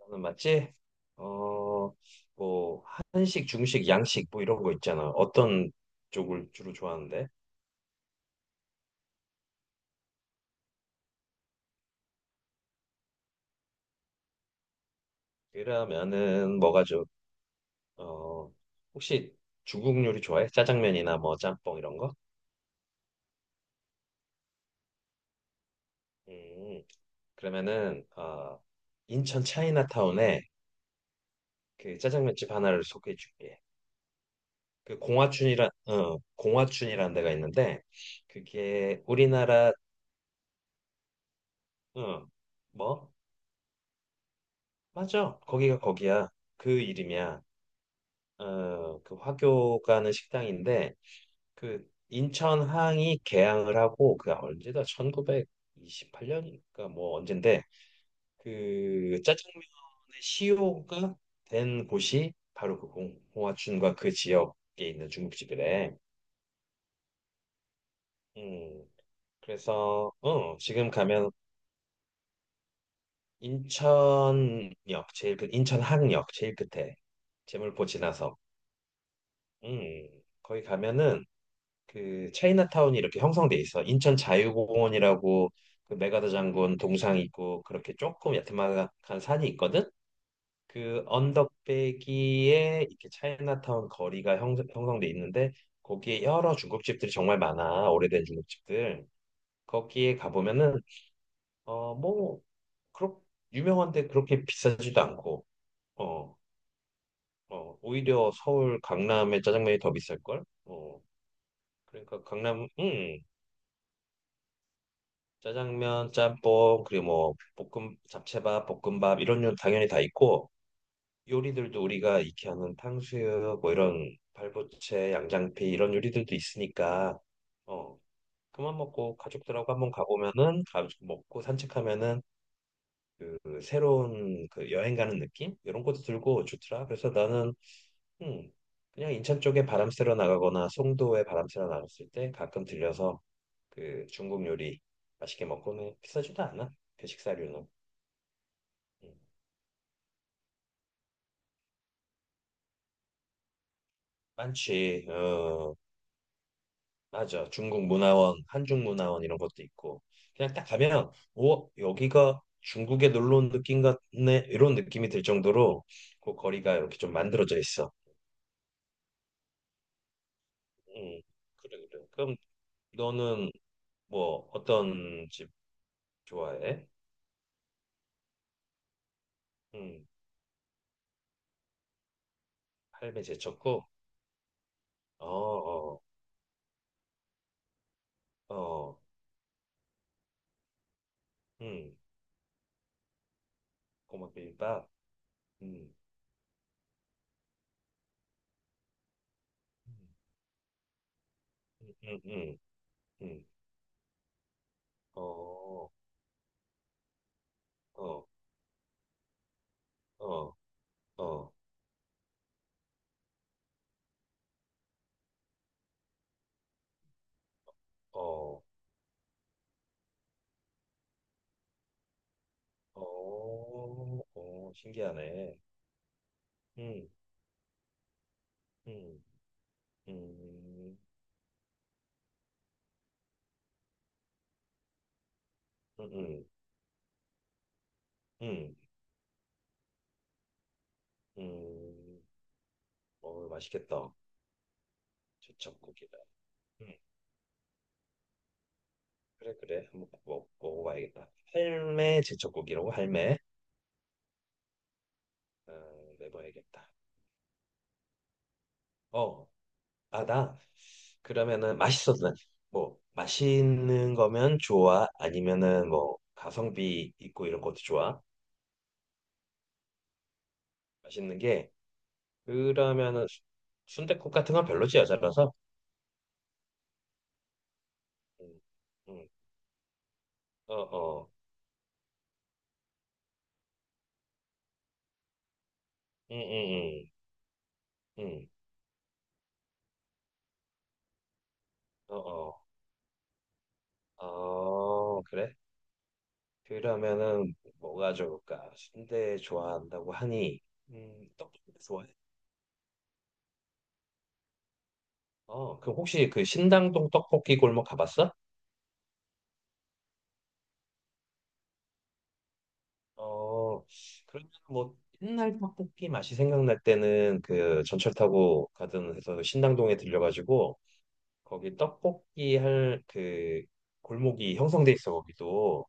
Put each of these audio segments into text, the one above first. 나는 맞지? 어, 뭐 한식, 중식, 양식 뭐 이런 거 있잖아. 어떤 쪽을 주로 좋아하는데? 그러면은 뭐가 좀 어, 혹시 중국 요리 좋아해? 짜장면이나 뭐 짬뽕 이런 거? 음, 그러면은 인천 차이나타운에 그 짜장면집 하나를 소개해 줄게. 그 공화춘이라는 데가 있는데 그게 우리나라. 어, 뭐? 맞아. 거기가 거기야. 그 이름이야. 어, 그 화교 가는 식당인데 그 인천항이 개항을 하고 그 언제다 1928년이니까 뭐 언젠데 그 짜장면의 시효가 된 곳이 바로 그 공화춘과 그 지역에 있는 중국집이래. 음, 그래서 지금 가면 인천역 제일 끝 인천항역 제일 끝에 재물포 지나서 음, 거기 가면은 그 차이나타운이 이렇게 형성돼 있어. 인천 자유공원이라고 그 메가더 장군 동상 있고 그렇게 조금 야트막한 산이 있거든. 그 언덕배기에 이렇게 차이나타운 거리가 형성돼 있는데 거기에 여러 중국집들이 정말 많아. 오래된 중국집들. 거기에 가보면은 어 뭐 그렇 유명한데 그렇게 비싸지도 않고 어 오히려 서울 강남의 짜장면이 더 비쌀 걸. 그러니까 강남 짜장면, 짬뽕, 그리고 뭐 볶음 잡채밥, 볶음밥 이런 요 당연히 다 있고 요리들도 우리가 익히 하는 탕수육 뭐 이런 발부채, 양장피 이런 요리들도 있으니까. 어 그만 먹고 가족들하고 한번 가보면은 가 먹고 산책하면은 그 새로운 그 여행 가는 느낌 이런 것도 들고 좋더라. 그래서 나는 음 그냥 인천 쪽에 바람 쐬러 나가거나 송도에 바람 쐬러 나갔을 때 가끔 들려서 그 중국 요리 맛있게 먹고는 비싸지도 않아. 그 식사료는. 음, 많지. 어, 맞아. 중국 문화원, 한중 문화원 이런 것도 있고. 그냥 딱 가면 오, 여기가 중국에 놀러 온 느낌 같네. 이런 느낌이 들 정도로 그 거리가 이렇게 좀 만들어져 있어. 음, 그래 그래. 그럼 너는 뭐 어떤 집 좋아해? 음, 할매 제쳤고. 어, 어, 어. 음, 고맙 비빔밥. 음. 음, 음. 음. 어, 어, 어, 어, 어, 어, 어, 신기하네. 음, 음, 음, 음, 음, 음, 음. 어, 맛있겠다. 제첩국이다. 음, 그래, 그래. 한번 먹어봐야겠다. 할매 제첩국이라고, 할매. 어, 내봐야겠다. 어, 아, 나, 그러면은 맛있는 거면 좋아? 아니면은 뭐, 가성비 있고 이런 것도 좋아? 맛있는 게, 그러면은 순댓국 같은 건 별로지 여자라서. 음, 음, 어, 어, 음, 음, 음, 음, 어, 어, 어, 그래? 그러면은 뭐가 좋을까? 순대 좋아한다고 하니, 떡볶이 좋아해? 어, 그럼 혹시 그 신당동 떡볶이 골목 가봤어? 어, 그러면 뭐 옛날 떡볶이 맛이 생각날 때는 그 전철 타고 가든 해서 신당동에 들려가지고 거기 떡볶이 할 그 골목이 형성돼 있어 거기도.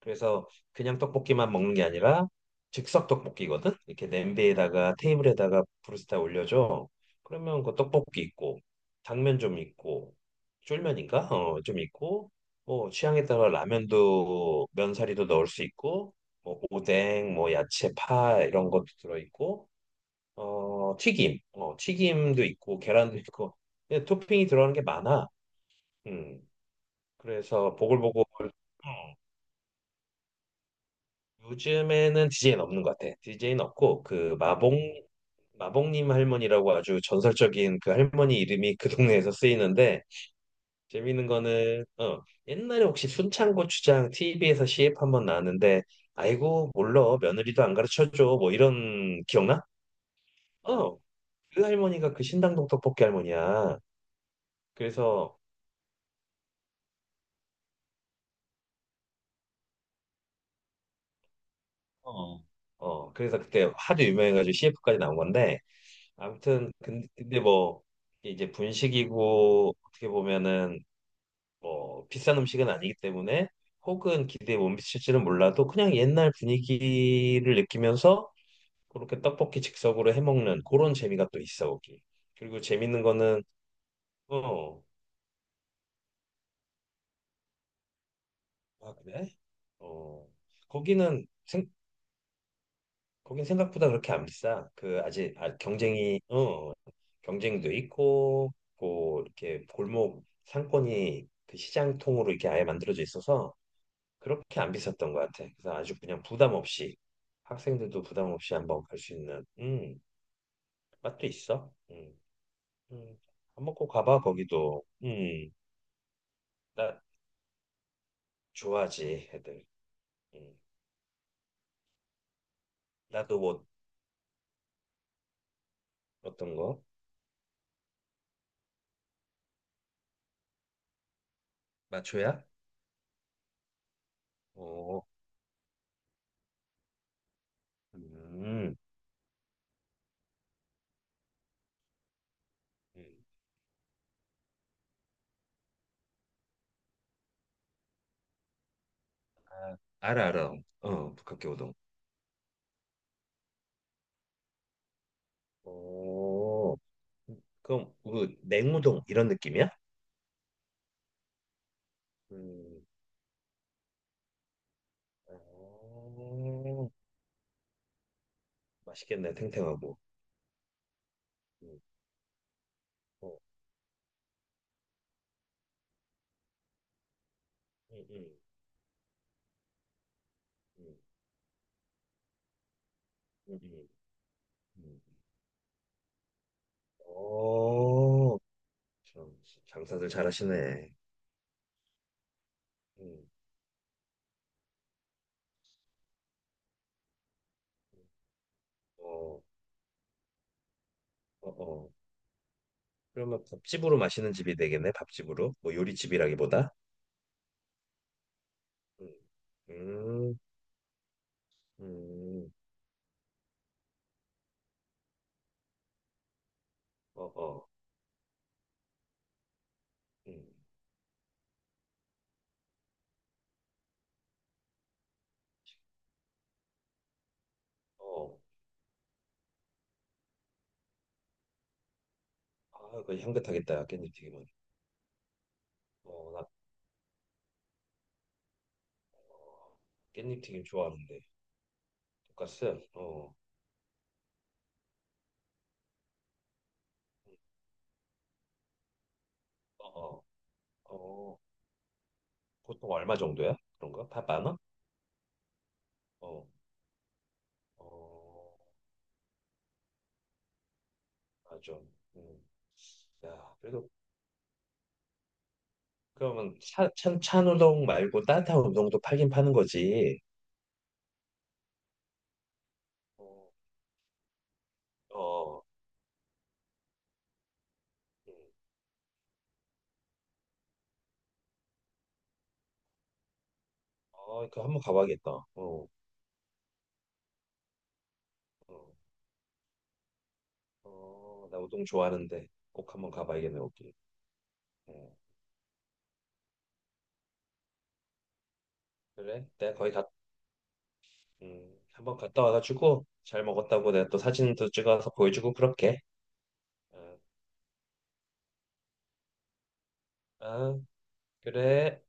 그래서 그냥 떡볶이만 먹는 게 아니라 즉석 떡볶이거든. 이렇게 냄비에다가 테이블에다가 브루스타 올려줘. 그러면 그 떡볶이 있고 당면 좀 있고 쫄면인가 좀 있고 뭐 취향에 따라 라면도 면사리도 넣을 수 있고 뭐 오뎅 뭐 야채 파 이런 것도 들어 있고 튀김 튀김도 있고 계란도 있고. 그냥 토핑이 들어가는 게 많아. 음, 그래서 보글보글. 음, 요즘에는 DJ는 없는 것 같아. DJ는 없고, 그, 마봉님 할머니라고 아주 전설적인 그 할머니 이름이 그 동네에서 쓰이는데, 재밌는 거는, 어, 옛날에 혹시 순창고추장 TV에서 CF 한번 나왔는데, 아이고, 몰라. 며느리도 안 가르쳐줘. 뭐 이런, 기억나? 어, 그 할머니가 그 신당동 떡볶이 할머니야. 그래서, 어, 어, 그래서 그때 하도 유명해가지고 CF까지 나온 건데, 아무튼 근데 뭐 이제 분식이고 어떻게 보면은 뭐 비싼 음식은 아니기 때문에 혹은 기대에 못 미칠지는 몰라도 그냥 옛날 분위기를 느끼면서 그렇게 떡볶이 즉석으로 해 먹는 그런 재미가 또 있어 거기. 그리고 재밌는 거는 어, 아 그래? 어 거기는 거긴 생각보다 그렇게 안 비싸. 그 경쟁이 경쟁도 있고 고 이렇게 골목 상권이 그 시장통으로 이렇게 아예 만들어져 있어서 그렇게 안 비쌌던 것 같아. 그래서 아주 그냥 부담 없이 학생들도 부담 없이 한번 갈 수 있는 맛도 있어. 음. 한번 꼭 가봐 거기도. 나 좋아하지 애들. 음, 나도 뭐 어떤 거 맞춰야? 어, 음. 음. 아 알아, 알아. 어, 북학교우동. 오, 그럼 그 냉우동 이런 느낌이야? 음, 어, 맛있겠네, 탱탱하고. 음, 어, 음, 음, 음, 음, 음, 음. 어, 참, 장사들 잘하시네. 음, 어, 어, 어. 그러면 밥집으로 마시는 집이 되겠네, 밥집으로. 뭐 요리집이라기보다. 음, 음, 음, 어, 어, 음, 어. 아, 그 향긋하겠다. 깻잎 튀김은. 어, 나 어, 깻잎 튀김 좋아하는데. 돈가스. 어, 어, 어. 어, 보통 얼마 정도야? 그런가? 다 10,000원? 어, 어, 아 좀. 음. 야, 그래도 그러면 찬 우동 말고 따뜻한 우동도 팔긴 파는 거지. 어, 어, 음. 어, 그 한 번 가봐야겠다. 어, 어, 어, 나 우동 좋아하는데 꼭 한 번 가봐야겠네 여기. 어, 그래? 내가 거기 한번 갔다 와가지고 잘 먹었다고 내가 또 사진도 찍어서 보여주고 그렇게. 어, 아, 아, 그래.